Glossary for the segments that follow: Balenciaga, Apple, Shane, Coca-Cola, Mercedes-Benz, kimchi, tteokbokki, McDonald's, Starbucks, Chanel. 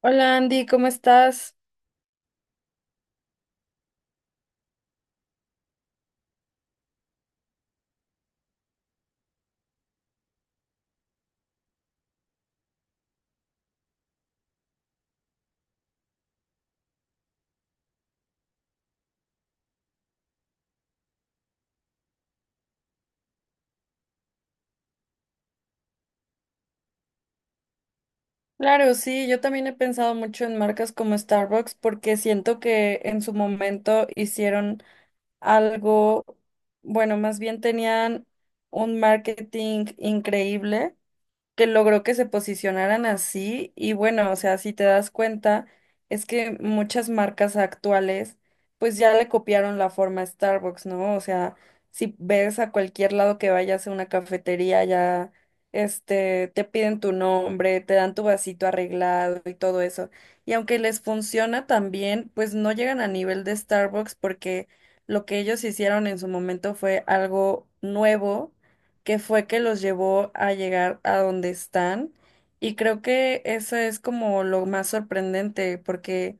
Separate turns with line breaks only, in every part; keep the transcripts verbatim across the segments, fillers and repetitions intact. Hola Andy, ¿cómo estás? Claro, sí, yo también he pensado mucho en marcas como Starbucks porque siento que en su momento hicieron algo, bueno, más bien tenían un marketing increíble que logró que se posicionaran así y bueno, o sea, si te das cuenta, es que muchas marcas actuales pues ya le copiaron la forma a Starbucks, ¿no? O sea, si ves a cualquier lado que vayas a una cafetería ya este te piden tu nombre, te dan tu vasito arreglado y todo eso. Y aunque les funciona también, pues no llegan a nivel de Starbucks porque lo que ellos hicieron en su momento fue algo nuevo que fue que los llevó a llegar a donde están. Y creo que eso es como lo más sorprendente, porque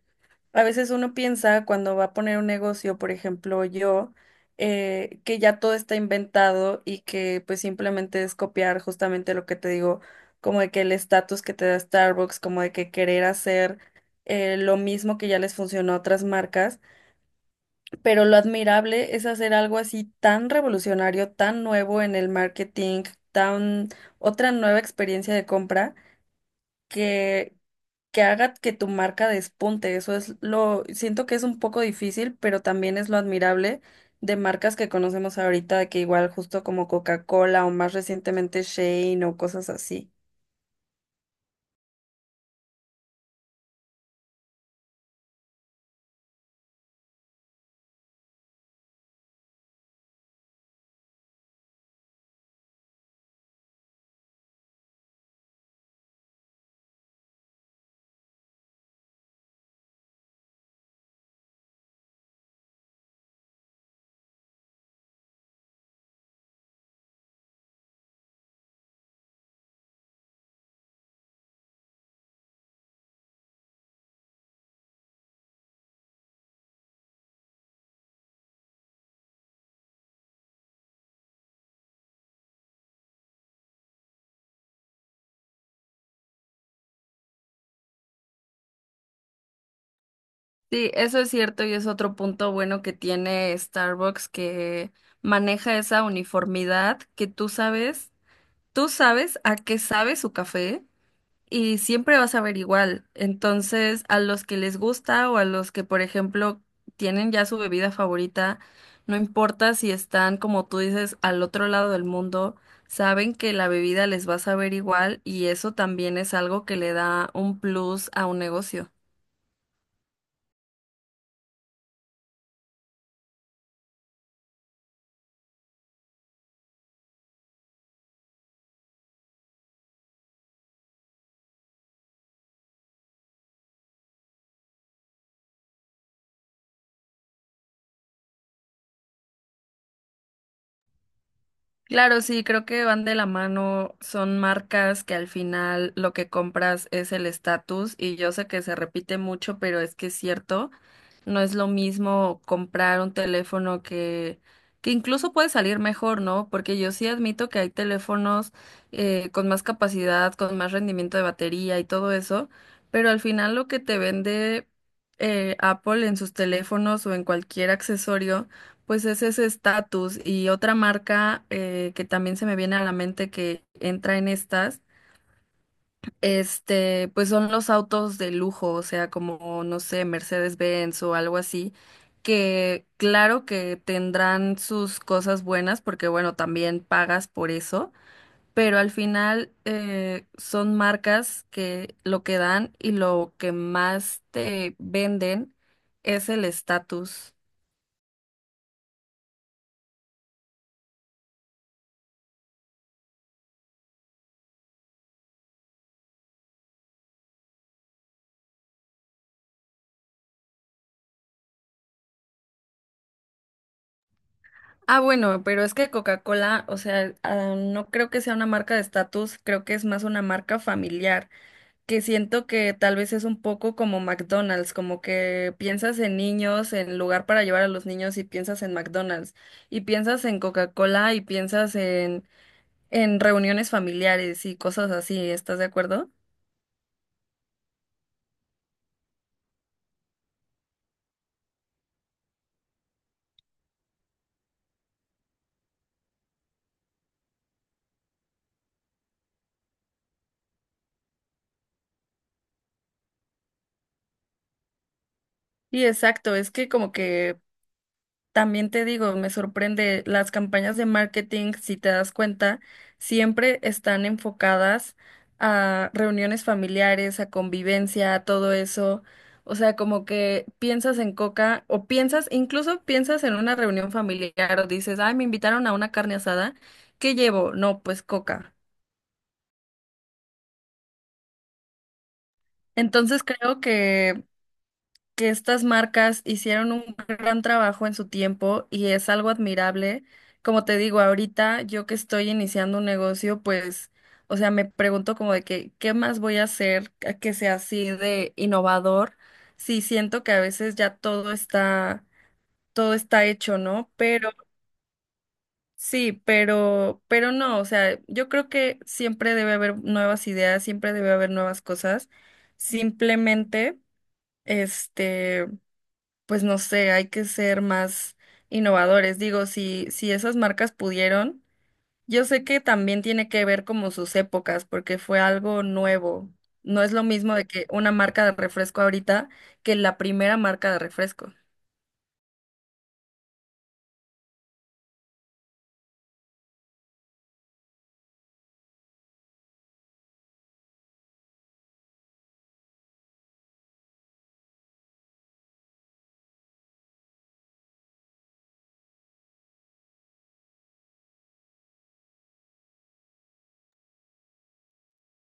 a veces uno piensa cuando va a poner un negocio, por ejemplo, yo, eh, que ya todo está inventado y que pues simplemente es copiar justamente lo que te digo, como de que el estatus que te da Starbucks, como de que querer hacer eh, lo mismo que ya les funcionó a otras marcas. Pero lo admirable es hacer algo así tan revolucionario, tan nuevo en el marketing, tan otra nueva experiencia de compra que que haga que tu marca despunte. Eso es lo, siento que es un poco difícil, pero también es lo admirable de marcas que conocemos ahorita, que igual justo como Coca-Cola o más recientemente Shane o cosas así. Sí, eso es cierto y es otro punto bueno que tiene Starbucks que maneja esa uniformidad que tú sabes. Tú sabes a qué sabe su café y siempre vas a ver igual. Entonces, a los que les gusta o a los que, por ejemplo, tienen ya su bebida favorita, no importa si están, como tú dices, al otro lado del mundo, saben que la bebida les va a saber igual y eso también es algo que le da un plus a un negocio. Claro, sí, creo que van de la mano, son marcas que al final lo que compras es el estatus y yo sé que se repite mucho, pero es que es cierto, no es lo mismo comprar un teléfono que, que incluso puede salir mejor, ¿no? Porque yo sí admito que hay teléfonos eh, con más capacidad, con más rendimiento de batería y todo eso, pero al final lo que te vende eh, Apple en sus teléfonos o en cualquier accesorio pues es ese estatus y otra marca eh, que también se me viene a la mente que entra en estas, este, pues son los autos de lujo, o sea, como, no sé, Mercedes-Benz o algo así, que claro que tendrán sus cosas buenas porque, bueno, también pagas por eso, pero al final eh, son marcas que lo que dan y lo que más te venden es el estatus. Ah, bueno, pero es que Coca-Cola, o sea, ah, no creo que sea una marca de estatus, creo que es más una marca familiar, que siento que tal vez es un poco como McDonald's, como que piensas en niños, en lugar para llevar a los niños y piensas en McDonald's, y piensas en Coca-Cola y piensas en, en reuniones familiares y cosas así, ¿estás de acuerdo? Y exacto, es que como que también te digo, me sorprende, las campañas de marketing, si te das cuenta, siempre están enfocadas a reuniones familiares, a convivencia, a todo eso. O sea, como que piensas en Coca o piensas, incluso piensas en una reunión familiar o dices, ay, me invitaron a una carne asada, ¿qué llevo? No, pues Coca. Entonces creo que que estas marcas hicieron un gran trabajo en su tiempo y es algo admirable. Como te digo, ahorita yo que estoy iniciando un negocio, pues, o sea, me pregunto como de que, ¿qué más voy a hacer a que sea así de innovador? Sí, siento que a veces ya todo está, todo está hecho, ¿no? Pero sí, pero, pero no, o sea, yo creo que siempre debe haber nuevas ideas, siempre debe haber nuevas cosas. Simplemente, este pues no sé, hay que ser más innovadores. Digo, si, si esas marcas pudieron, yo sé que también tiene que ver como sus épocas, porque fue algo nuevo. No es lo mismo de que una marca de refresco ahorita que la primera marca de refresco.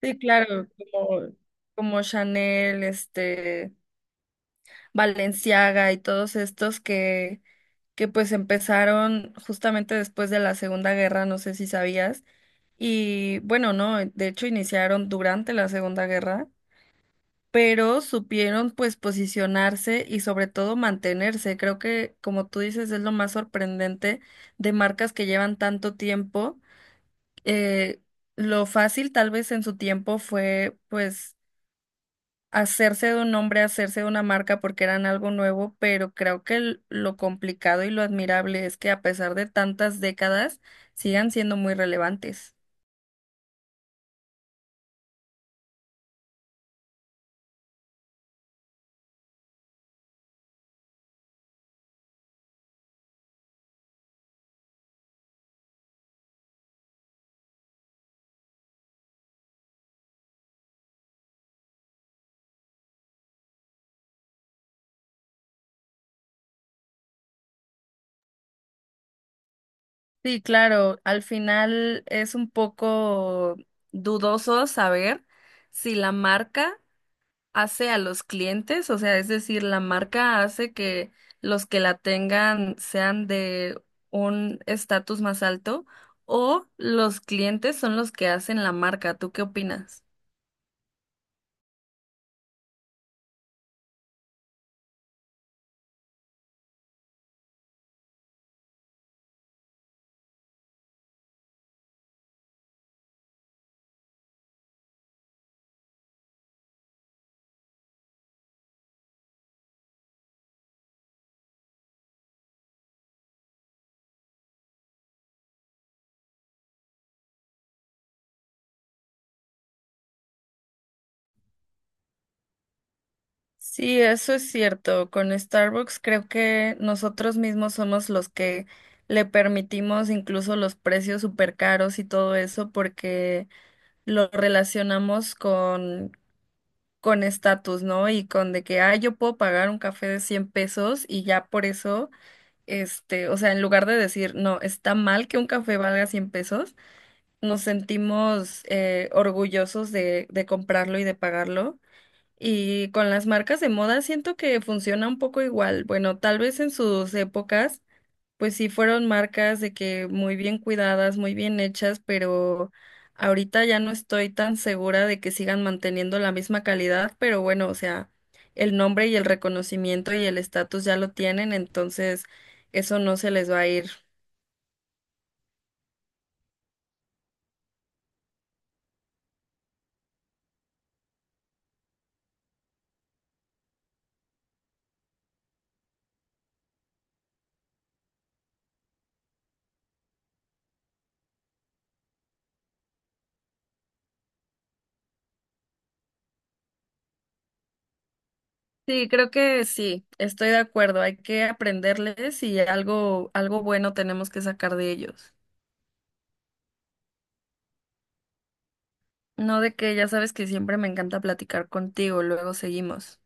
Sí, claro, como, como Chanel, este, Balenciaga y todos estos que, que pues empezaron justamente después de la Segunda Guerra, no sé si sabías. Y bueno, no, de hecho iniciaron durante la Segunda Guerra, pero supieron pues posicionarse y sobre todo mantenerse. Creo que, como tú dices, es lo más sorprendente de marcas que llevan tanto tiempo. Eh, lo fácil tal vez en su tiempo fue pues hacerse de un nombre, hacerse de una marca porque eran algo nuevo, pero creo que l- lo complicado y lo admirable es que a pesar de tantas décadas sigan siendo muy relevantes. Sí, claro, al final es un poco dudoso saber si la marca hace a los clientes, o sea, es decir, la marca hace que los que la tengan sean de un estatus más alto o los clientes son los que hacen la marca. ¿Tú qué opinas? Sí, eso es cierto. Con Starbucks creo que nosotros mismos somos los que le permitimos incluso los precios súper caros y todo eso porque lo relacionamos con con estatus, ¿no? Y con de que, ah, yo puedo pagar un café de cien pesos y ya por eso, este, o sea, en lugar de decir, no, está mal que un café valga cien pesos, nos sentimos eh, orgullosos de, de comprarlo y de pagarlo. Y con las marcas de moda siento que funciona un poco igual. Bueno, tal vez en sus épocas pues sí, fueron marcas de que muy bien cuidadas, muy bien hechas, pero ahorita ya no estoy tan segura de que sigan manteniendo la misma calidad, pero bueno, o sea, el nombre y el reconocimiento y el estatus ya lo tienen, entonces eso no se les va a ir. Sí, creo que sí, estoy de acuerdo, hay que aprenderles y algo, algo bueno tenemos que sacar de ellos. No de que ya sabes que siempre me encanta platicar contigo, luego seguimos.